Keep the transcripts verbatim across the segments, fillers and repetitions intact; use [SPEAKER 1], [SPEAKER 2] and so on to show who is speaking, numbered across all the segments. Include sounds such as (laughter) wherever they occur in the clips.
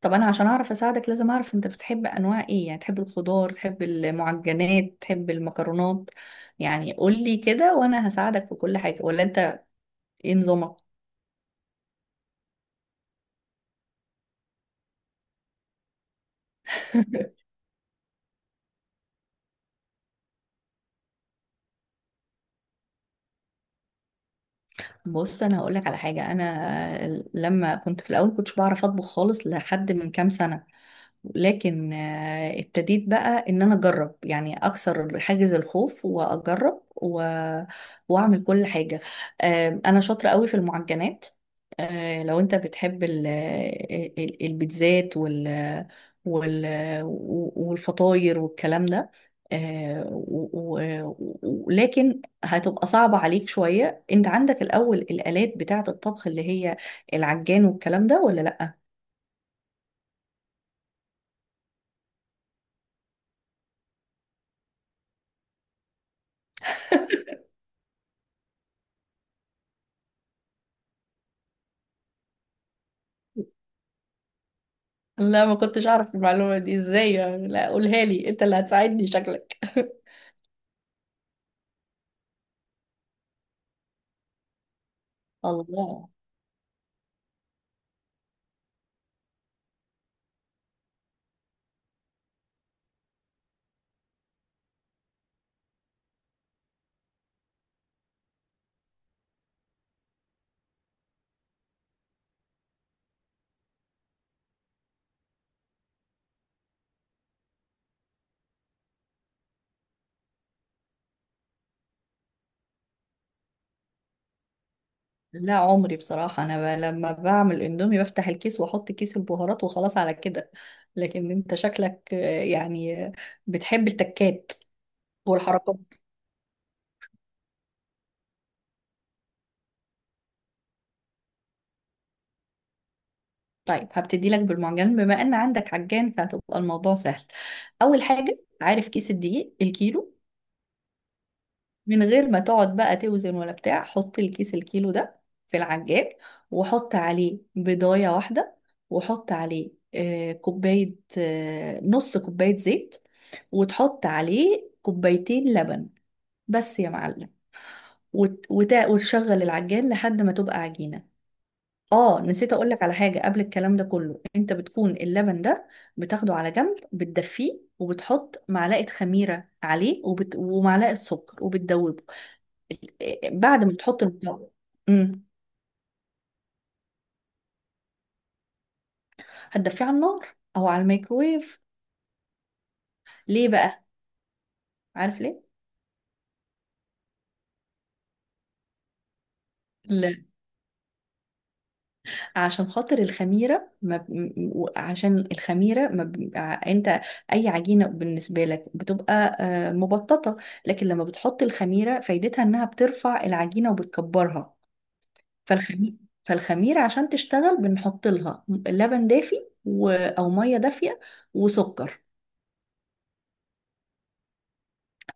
[SPEAKER 1] طب انا عشان اعرف اساعدك لازم اعرف انت بتحب انواع ايه؟ يعني تحب الخضار، تحب المعجنات، تحب المكرونات؟ يعني قولي كده وانا هساعدك في كل حاجة. ولا انت ايه نظامك؟ (laughs) بص، انا هقولك على حاجة. انا لما كنت في الاول كنتش بعرف اطبخ خالص لحد من كام سنة، لكن آه، ابتديت بقى ان انا اجرب، يعني اكسر حاجز الخوف واجرب و... واعمل كل حاجه. آه، انا شاطره قوي في المعجنات. آه، لو انت بتحب ال... آه، ال- البيتزات وال... وال... والفطاير والكلام ده، آه، و... و... و... لكن هتبقى صعبة عليك شوية. انت عندك الأول الآلات بتاعة الطبخ اللي هي العجان والكلام ده ولا لأ؟ لا ما كنتش اعرف المعلومة دي. ازاي يعني؟ لا قولها لي، انت اللي هتساعدني شكلك. (laughs) الله. لا عمري، بصراحة أنا ب... لما بعمل اندومي بفتح الكيس وأحط كيس البهارات وخلاص على كده. لكن أنت شكلك آه، يعني آه، بتحب التكات والحركات. طيب هبتدي لك بالمعجن، بما أن عندك عجان فهتبقى الموضوع سهل. أول حاجة، عارف كيس الدقيق الكيلو؟ من غير ما تقعد بقى توزن ولا بتاع، حط الكيس الكيلو ده في العجال، وحط عليه بيضاية واحدة، وحط عليه آه، كوباية، آه، نص كوباية زيت، وتحط عليه كوبايتين لبن، بس يا معلم. وت- وت- وتشغل العجال لحد ما تبقى عجينة. اه نسيت اقولك على حاجة قبل الكلام ده كله، انت بتكون اللبن ده بتاخده على جنب، بتدفيه، وبتحط معلقة خميرة عليه، وبت... ومعلقة سكر، وبتدوبه بعد ما تحط المكون. امم هتدفيه على النار او على الميكرويف. ليه بقى؟ عارف ليه؟ لا. عشان خاطر الخميره ما ب... م- م- عشان الخميره ما ب... ع- انت اي عجينه بالنسبه لك بتبقى آه، مبططه، لكن لما بتحط الخميره فايدتها انها بترفع العجينه وبتكبرها. فالخميره فالخميره عشان تشتغل بنحط لها لبن دافي و... او ميه دافيه وسكر.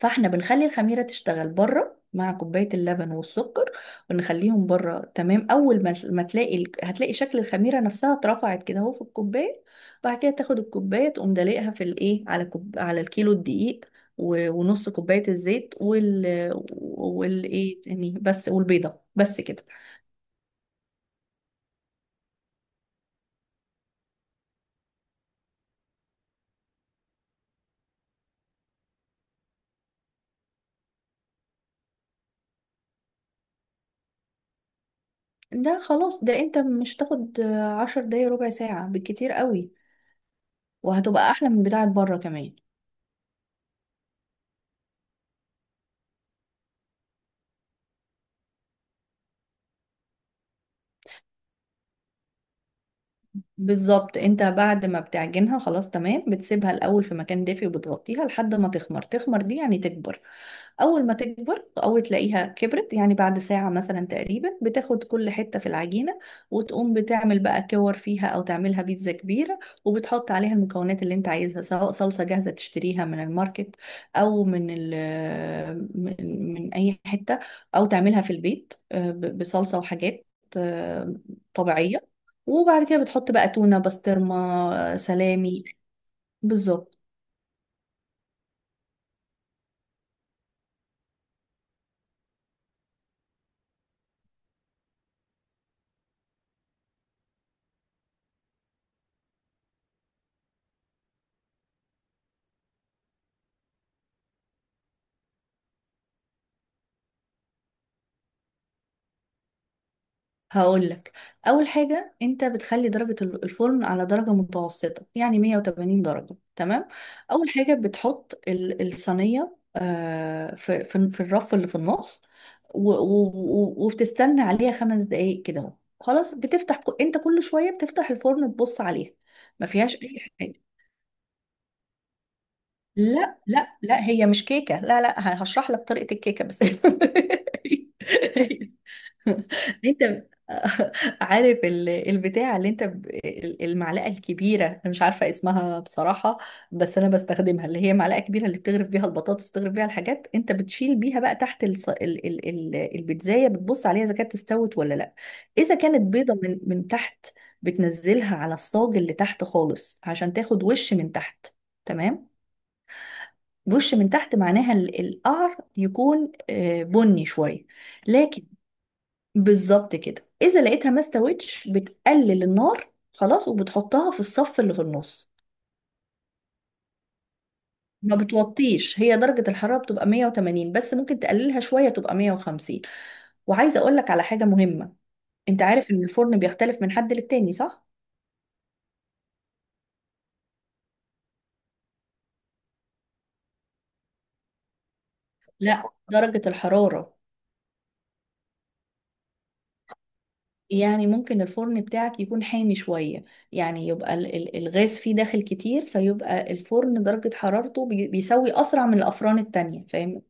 [SPEAKER 1] فاحنا بنخلي الخميرة تشتغل بره مع كوباية اللبن والسكر، ونخليهم بره. تمام، أول ما ما تلاقي ال- هتلاقي شكل الخميرة نفسها اترفعت كده اهو في الكوباية. بعد كده تاخد الكوباية تقوم دلقها في الايه، على كوب... على الكيلو الدقيق و- ونص كوباية الزيت وال والايه تاني بس، والبيضة، بس كده. ده خلاص، ده انت مش تاخد عشر دقايق، ربع ساعة بالكتير قوي، وهتبقى أحلى من بتاعة بره كمان. بالظبط، انت بعد ما بتعجنها خلاص تمام بتسيبها الاول في مكان دافي وبتغطيها لحد ما تخمر. تخمر دي يعني تكبر. أول ما تكبر، أول تلاقيها كبرت يعني بعد ساعة مثلا تقريبا، بتاخد كل حتة في العجينة وتقوم بتعمل بقى كور فيها أو تعملها بيتزا كبيرة، وبتحط عليها المكونات اللي أنت عايزها، سواء صلصة جاهزة تشتريها من الماركت أو من ال من من أي حتة، أو تعملها في البيت آه، ب- بصلصة وحاجات آه، طبيعية. وبعد كده بتحط بقى تونة، بسطرمة، آه، سلامي. بالظبط. هقولك، اول حاجه انت بتخلي درجه ال- الفرن على درجه متوسطه، يعني مية وتمانين درجه، تمام. اول حاجه بتحط ال- الصينيه آه، في في في الرف اللي في النص، و- و- و- وبتستنى عليها خمس دقايق كده اهو. خلاص، بتفتح ك- انت كل شويه بتفتح الفرن تبص عليها، ما فيهاش اي حاجه. لا لا لا، هي مش كيكه، لا لا هشرح لك طريقه الكيكه بس. (laughs) (laughs) انت (laughs) عارف ال- البتاع اللي انت ب- ال- المعلقه الكبيره، انا مش عارفه اسمها بصراحه، بس انا بستخدمها، اللي هي معلقه كبيره اللي بتغرف بيها البطاطس، بتغرف بيها الحاجات، انت بتشيل بيها بقى تحت الص... ال... ال... ال... البيتزايه، بتبص عليها اذا كانت استوت ولا لا. اذا كانت بيضه من من تحت، بتنزلها على الصاج اللي تحت خالص عشان تاخد وش من تحت. تمام. وش من تحت معناها ال- القعر يكون آه، بني شويه. لكن بالظبط كده، اذا لقيتها ما استوتش بتقلل النار خلاص وبتحطها في الصف اللي في النص. ما بتوطيش، هي درجة الحرارة بتبقى مية وتمانين بس ممكن تقللها شوية تبقى مية وخمسين. وعايزة اقول لك على حاجة مهمة. انت عارف ان الفرن بيختلف من حد للتاني صح؟ لا درجة الحرارة. يعني ممكن الفرن بتاعك يكون حامي شوية، يعني يبقى ال- ال- الغاز فيه داخل كتير، فيبقى الفرن درجة حرارته بي- بيسوي أسرع من الأفران التانية، فاهم.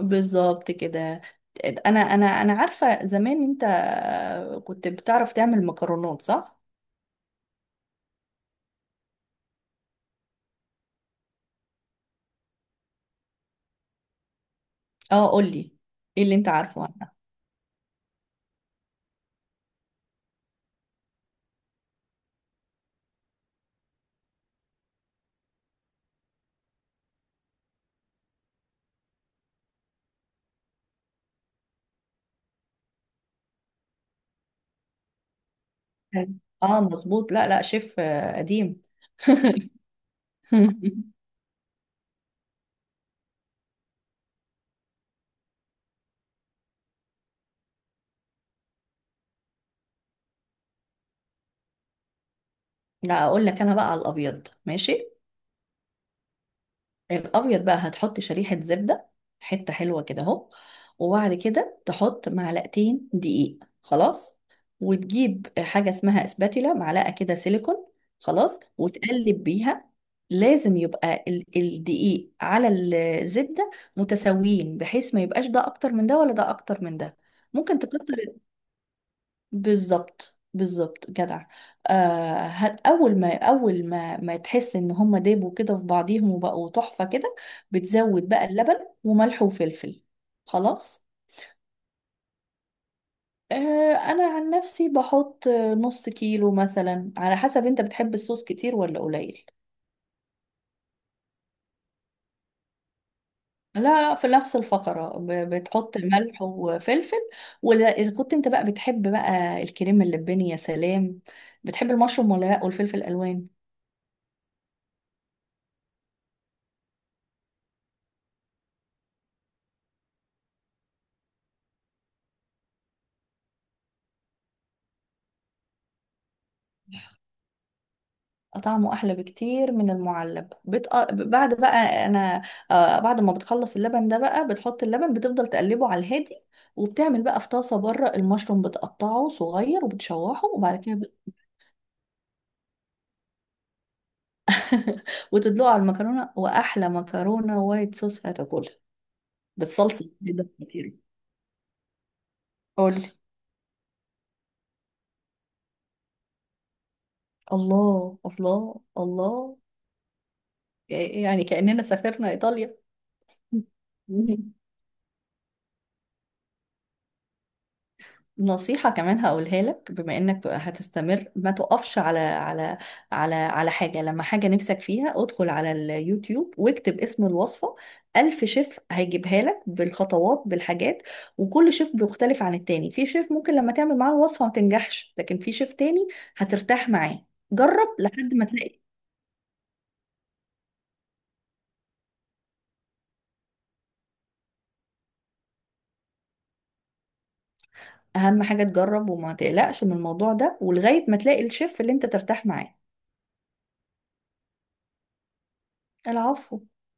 [SPEAKER 1] بالظبط كده. انا انا انا عارفه زمان انت كنت بتعرف تعمل مكرونات صح. اه قولي، ايه اللي انت عارفه عنها. حلو. اه مظبوط، لا لا شيف آه، قديم. (laughs) (laughs) لا اقول لك انا بقى على الابيض ماشي. الابيض بقى هتحط شريحه زبده، حته حلوه كده اهو. وبعد كده تحط معلقتين دقيق، خلاص. وتجيب حاجه اسمها اسباتيلا، معلقه كده سيليكون، خلاص، وتقلب بيها. لازم يبقى ال- الدقيق على الزبده متساويين، بحيث ما يبقاش ده اكتر من ده ولا ده اكتر من ده. ممكن تكتر. بالظبط بالظبط، جدع. آه هت- اول ما اول ما ما تحس ان هما دابوا كده في بعضيهم وبقوا تحفة كده، بتزود بقى اللبن وملح وفلفل، خلاص. آه، انا عن نفسي بحط آه، نص كيلو مثلا، على حسب انت بتحب الصوص كتير ولا قليل. لا لا في نفس الفقرة، ب- بتحط ملح وفلفل، ولا إذا كنت انت بقى بتحب بقى الكريم اللباني يا سلام. بتحب المشروم ولا لا؟ والفلفل الألوان. طعمه احلى بكتير من المعلب. بت... بعد بقى انا آه، بعد ما بتخلص اللبن ده بقى، بتحط اللبن بتفضل تقلبه على الهادي، وبتعمل بقى في طاسه بره المشروم، بتقطعه صغير وبتشوحه، وبعد كده ب... (laughs) وتدلقه على المكرونه، واحلى مكرونه وايت صوص هتاكلها. بالصلصه كده كتير. قولي. الله الله الله، يعني كأننا سافرنا ايطاليا. (laughs) نصيحة كمان هقولها لك، بما انك بقى هتستمر ما تقفش على على على على حاجة. لما حاجة نفسك فيها ادخل على اليوتيوب واكتب اسم الوصفة، ألف شيف هيجيبها لك بالخطوات بالحاجات. وكل شيف بيختلف عن التاني، في شيف ممكن لما تعمل معاه الوصفة ما تنجحش، لكن في شيف تاني هترتاح معاه. جرب لحد ما تلاقي. أهم حاجة تجرب وما تقلقش من الموضوع ده، ولغاية ما تلاقي الشيف اللي انت ترتاح معاه. العفو.